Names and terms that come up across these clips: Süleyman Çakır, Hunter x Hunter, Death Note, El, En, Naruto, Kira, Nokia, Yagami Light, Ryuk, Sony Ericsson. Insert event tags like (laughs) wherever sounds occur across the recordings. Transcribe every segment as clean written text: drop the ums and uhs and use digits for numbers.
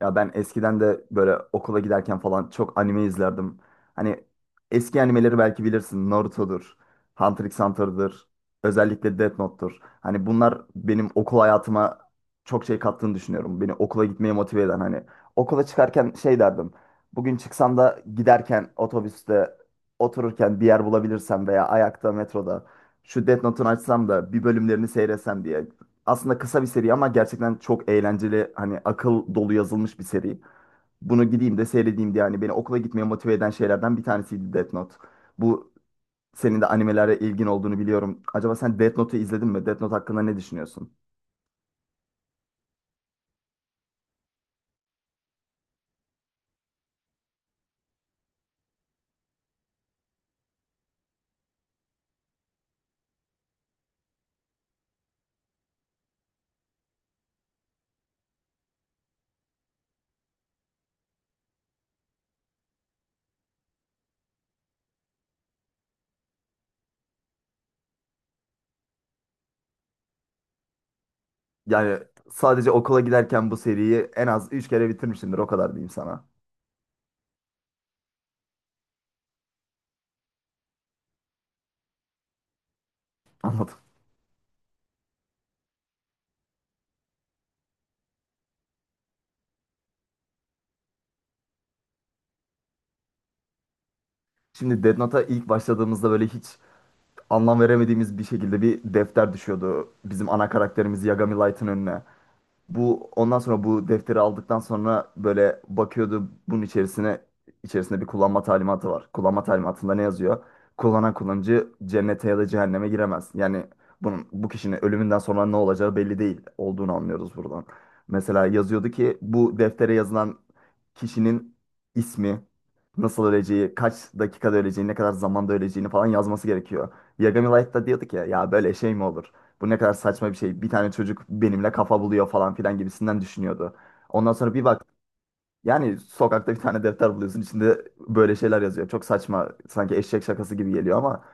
Ya ben eskiden de böyle okula giderken falan çok anime izlerdim. Hani eski animeleri belki bilirsin. Naruto'dur, Hunter x Hunter'dır, özellikle Death Note'tur. Hani bunlar benim okul hayatıma çok şey kattığını düşünüyorum. Beni okula gitmeye motive eden hani. Okula çıkarken şey derdim. Bugün çıksam da giderken otobüste otururken bir yer bulabilirsem veya ayakta metroda şu Death Note'un açsam da bir bölümlerini seyretsem diye aslında kısa bir seri ama gerçekten çok eğlenceli hani akıl dolu yazılmış bir seri. Bunu gideyim de seyredeyim diye yani beni okula gitmeye motive eden şeylerden bir tanesiydi Death Note. Bu senin de animelere ilgin olduğunu biliyorum. Acaba sen Death Note'u izledin mi? Death Note hakkında ne düşünüyorsun? Yani sadece okula giderken bu seriyi en az 3 kere bitirmişimdir o kadar diyeyim sana. (laughs) Anladım. Şimdi Death Note'a ilk başladığımızda böyle hiç anlam veremediğimiz bir şekilde bir defter düşüyordu bizim ana karakterimiz Yagami Light'ın önüne. Bu ondan sonra bu defteri aldıktan sonra böyle bakıyordu bunun içerisine, içerisinde bir kullanma talimatı var. Kullanma talimatında ne yazıyor? Kullanan kullanıcı cennete ya da cehenneme giremez. Yani bunun bu kişinin ölümünden sonra ne olacağı belli değil olduğunu anlıyoruz buradan. Mesela yazıyordu ki bu deftere yazılan kişinin ismi, nasıl öleceği, kaç dakikada öleceğini, ne kadar zamanda öleceğini falan yazması gerekiyor. Yagami Light'ta diyordu ki ya böyle şey mi olur? Bu ne kadar saçma bir şey. Bir tane çocuk benimle kafa buluyor falan filan gibisinden düşünüyordu. Ondan sonra bir bak, yani sokakta bir tane defter buluyorsun, içinde böyle şeyler yazıyor. Çok saçma, sanki eşek şakası gibi geliyor ama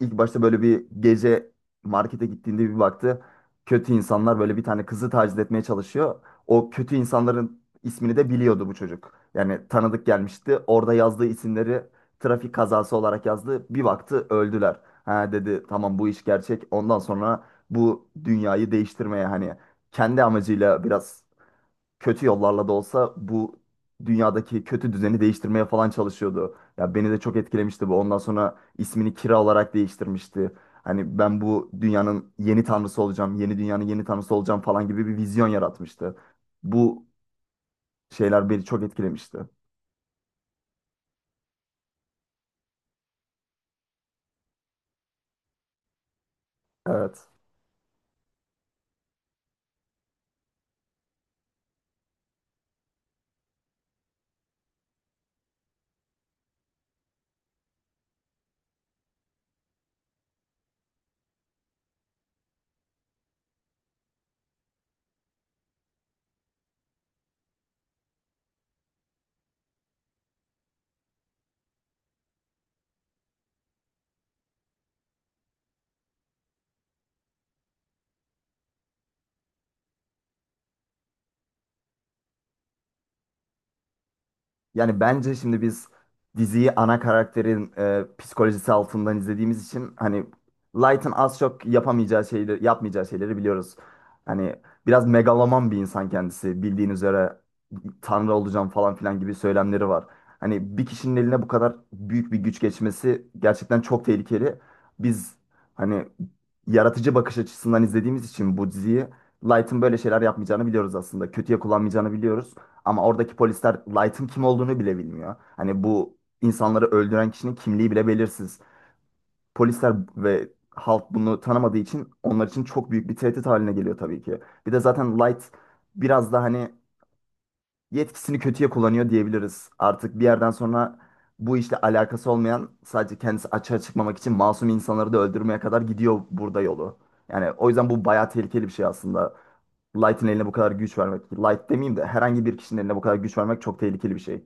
İlk başta böyle bir gece markete gittiğinde bir baktı. Kötü insanlar böyle bir tane kızı taciz etmeye çalışıyor. O kötü insanların ismini de biliyordu bu çocuk. Yani tanıdık gelmişti. Orada yazdığı isimleri trafik kazası olarak yazdı. Bir baktı öldüler. Ha dedi tamam, bu iş gerçek. Ondan sonra bu dünyayı değiştirmeye, hani kendi amacıyla, biraz kötü yollarla da olsa bu dünyadaki kötü düzeni değiştirmeye falan çalışıyordu. Ya beni de çok etkilemişti bu. Ondan sonra ismini Kira olarak değiştirmişti. Hani ben bu dünyanın yeni tanrısı olacağım, yeni dünyanın yeni tanrısı olacağım falan gibi bir vizyon yaratmıştı. Bu şeyler beni çok etkilemişti. Evet. Yani bence şimdi biz diziyi ana karakterin psikolojisi altından izlediğimiz için hani Light'ın az çok yapamayacağı şeyleri, yapmayacağı şeyleri biliyoruz. Hani biraz megaloman bir insan kendisi. Bildiğin üzere tanrı olacağım falan filan gibi söylemleri var. Hani bir kişinin eline bu kadar büyük bir güç geçmesi gerçekten çok tehlikeli. Biz hani yaratıcı bakış açısından izlediğimiz için bu diziyi Light'ın böyle şeyler yapmayacağını biliyoruz aslında. Kötüye kullanmayacağını biliyoruz. Ama oradaki polisler Light'ın kim olduğunu bile bilmiyor. Hani bu insanları öldüren kişinin kimliği bile belirsiz. Polisler ve halk bunu tanımadığı için onlar için çok büyük bir tehdit haline geliyor tabii ki. Bir de zaten Light biraz da hani yetkisini kötüye kullanıyor diyebiliriz. Artık bir yerden sonra bu işle alakası olmayan, sadece kendisi açığa çıkmamak için masum insanları da öldürmeye kadar gidiyor burada yolu. Yani o yüzden bu bayağı tehlikeli bir şey aslında. Light'ın eline bu kadar güç vermek, Light demeyeyim de herhangi bir kişinin eline bu kadar güç vermek çok tehlikeli bir şey.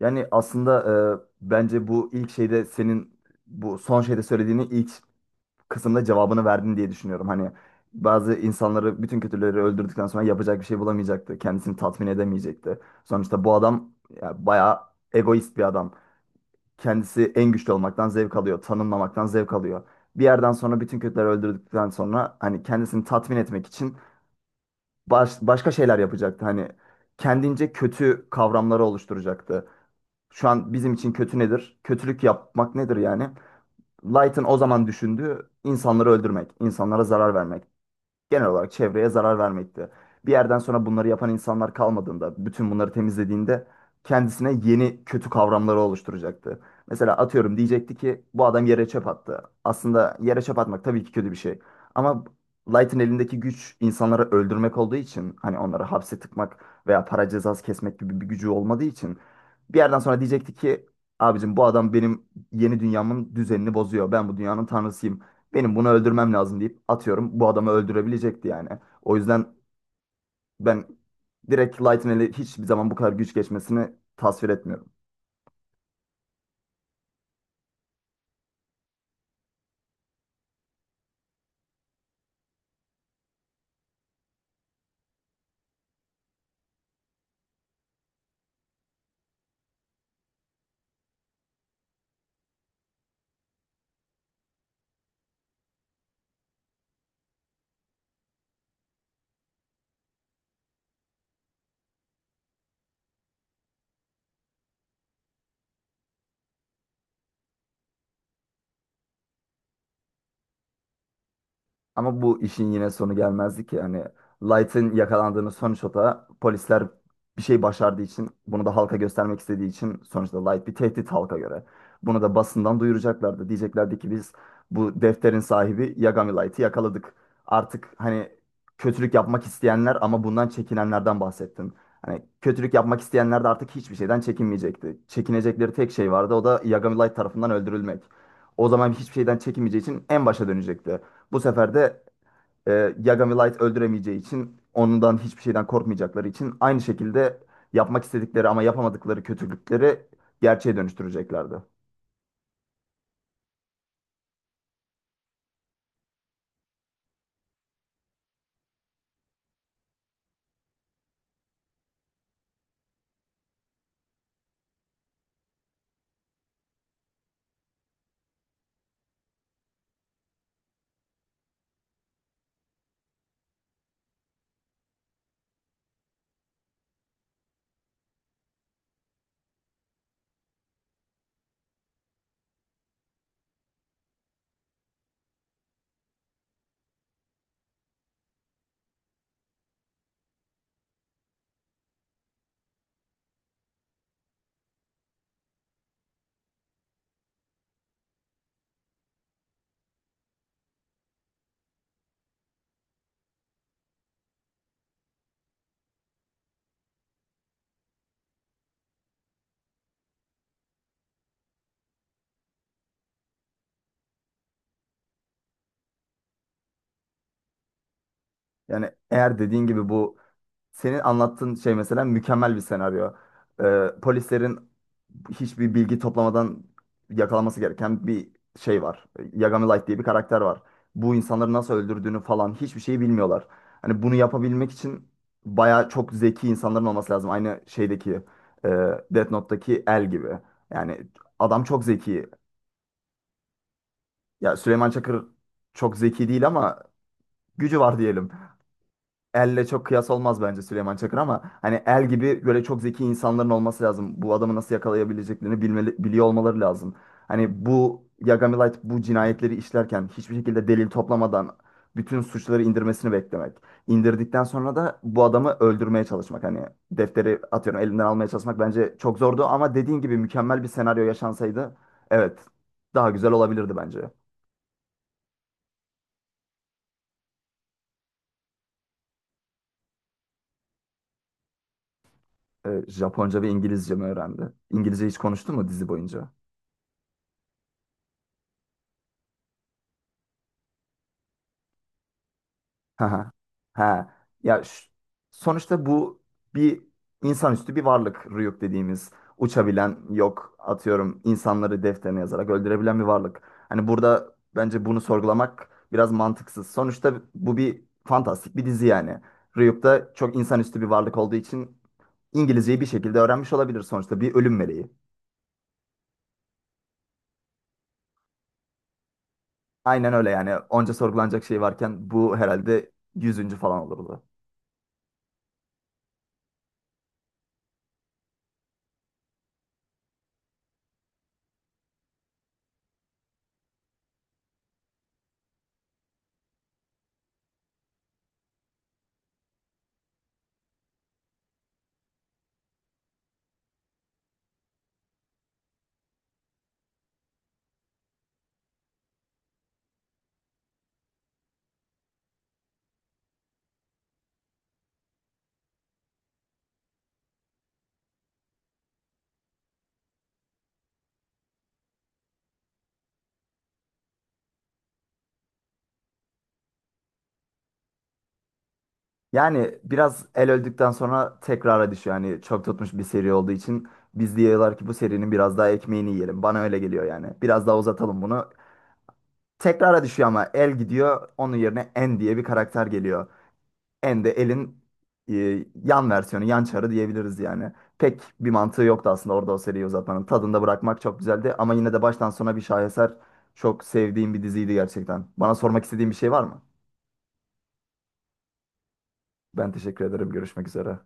Yani aslında bence bu ilk şeyde senin bu son şeyde söylediğini ilk kısımda cevabını verdin diye düşünüyorum. Hani bazı insanları, bütün kötüleri öldürdükten sonra yapacak bir şey bulamayacaktı. Kendisini tatmin edemeyecekti. Sonuçta bu adam ya, bayağı egoist bir adam. Kendisi en güçlü olmaktan zevk alıyor. Tanınmamaktan zevk alıyor. Bir yerden sonra bütün kötüleri öldürdükten sonra hani kendisini tatmin etmek için başka şeyler yapacaktı. Hani kendince kötü kavramları oluşturacaktı. Şu an bizim için kötü nedir? Kötülük yapmak nedir yani? Light'ın o zaman düşündüğü insanları öldürmek, insanlara zarar vermek, genel olarak çevreye zarar vermekti. Bir yerden sonra bunları yapan insanlar kalmadığında, bütün bunları temizlediğinde kendisine yeni kötü kavramları oluşturacaktı. Mesela atıyorum diyecekti ki bu adam yere çöp attı. Aslında yere çöp atmak tabii ki kötü bir şey. Ama Light'ın elindeki güç insanları öldürmek olduğu için, hani onları hapse tıkmak veya para cezası kesmek gibi bir gücü olmadığı için, bir yerden sonra diyecekti ki abicim bu adam benim yeni dünyamın düzenini bozuyor. Ben bu dünyanın tanrısıyım. Benim bunu öldürmem lazım deyip atıyorum bu adamı öldürebilecekti yani. O yüzden ben direkt Lightning hiçbir zaman bu kadar güç geçmesini tasvir etmiyorum. Ama bu işin yine sonu gelmezdi ki. Hani Light'ın yakalandığını sonuçta da polisler bir şey başardığı için bunu da halka göstermek istediği için, sonuçta Light bir tehdit halka göre. Bunu da basından duyuracaklardı. Diyeceklerdi ki biz bu defterin sahibi Yagami Light'ı yakaladık. Artık hani kötülük yapmak isteyenler ama bundan çekinenlerden bahsettin. Hani kötülük yapmak isteyenler de artık hiçbir şeyden çekinmeyecekti. Çekinecekleri tek şey vardı, o da Yagami Light tarafından öldürülmek. O zaman hiçbir şeyden çekinmeyeceği için en başa dönecekti. Bu sefer de e, Yagami Light öldüremeyeceği için, ondan hiçbir şeyden korkmayacakları için, aynı şekilde yapmak istedikleri ama yapamadıkları kötülükleri gerçeğe dönüştüreceklerdi. Yani eğer dediğin gibi bu senin anlattığın şey mesela mükemmel bir senaryo. Polislerin hiçbir bilgi toplamadan yakalaması gereken bir şey var. Yagami Light diye bir karakter var. Bu insanları nasıl öldürdüğünü falan hiçbir şeyi bilmiyorlar. Hani bunu yapabilmek için bayağı çok zeki insanların olması lazım. Aynı şeydeki e, Death Note'daki El gibi. Yani adam çok zeki. Ya Süleyman Çakır çok zeki değil ama gücü var diyelim. Elle çok kıyas olmaz bence Süleyman Çakır ama hani el gibi böyle çok zeki insanların olması lazım. Bu adamı nasıl yakalayabileceklerini bilmeli, biliyor olmaları lazım. Hani bu Yagami Light bu cinayetleri işlerken hiçbir şekilde delil toplamadan bütün suçları indirmesini beklemek. İndirdikten sonra da bu adamı öldürmeye çalışmak. Hani defteri atıyorum elinden almaya çalışmak bence çok zordu, ama dediğin gibi mükemmel bir senaryo yaşansaydı evet daha güzel olabilirdi bence. Japonca ve İngilizce mi öğrendi? İngilizce hiç konuştu mu dizi boyunca? Ha. Ha. Ha. Ya sonuçta bu bir insanüstü bir varlık Ryuk dediğimiz. Uçabilen, yok atıyorum insanları defterine yazarak öldürebilen bir varlık. Hani burada bence bunu sorgulamak biraz mantıksız. Sonuçta bu bir fantastik bir dizi yani. Ryuk da çok insanüstü bir varlık olduğu için İngilizceyi bir şekilde öğrenmiş olabilir, sonuçta bir ölüm meleği. Aynen öyle, yani onca sorgulanacak şey varken bu herhalde 100. falan olurdu. Yani biraz el öldükten sonra tekrara düşüyor. Yani çok tutmuş bir seri olduğu için biz diyorlar ki bu serinin biraz daha ekmeğini yiyelim. Bana öyle geliyor yani. Biraz daha uzatalım bunu. Tekrara düşüyor ama el gidiyor. Onun yerine En diye bir karakter geliyor. En de elin yan versiyonu, yan çarı diyebiliriz yani. Pek bir mantığı yoktu aslında orada o seriyi uzatmanın. Tadında bırakmak çok güzeldi ama yine de baştan sona bir şaheser. Çok sevdiğim bir diziydi gerçekten. Bana sormak istediğin bir şey var mı? Ben teşekkür ederim. Görüşmek üzere.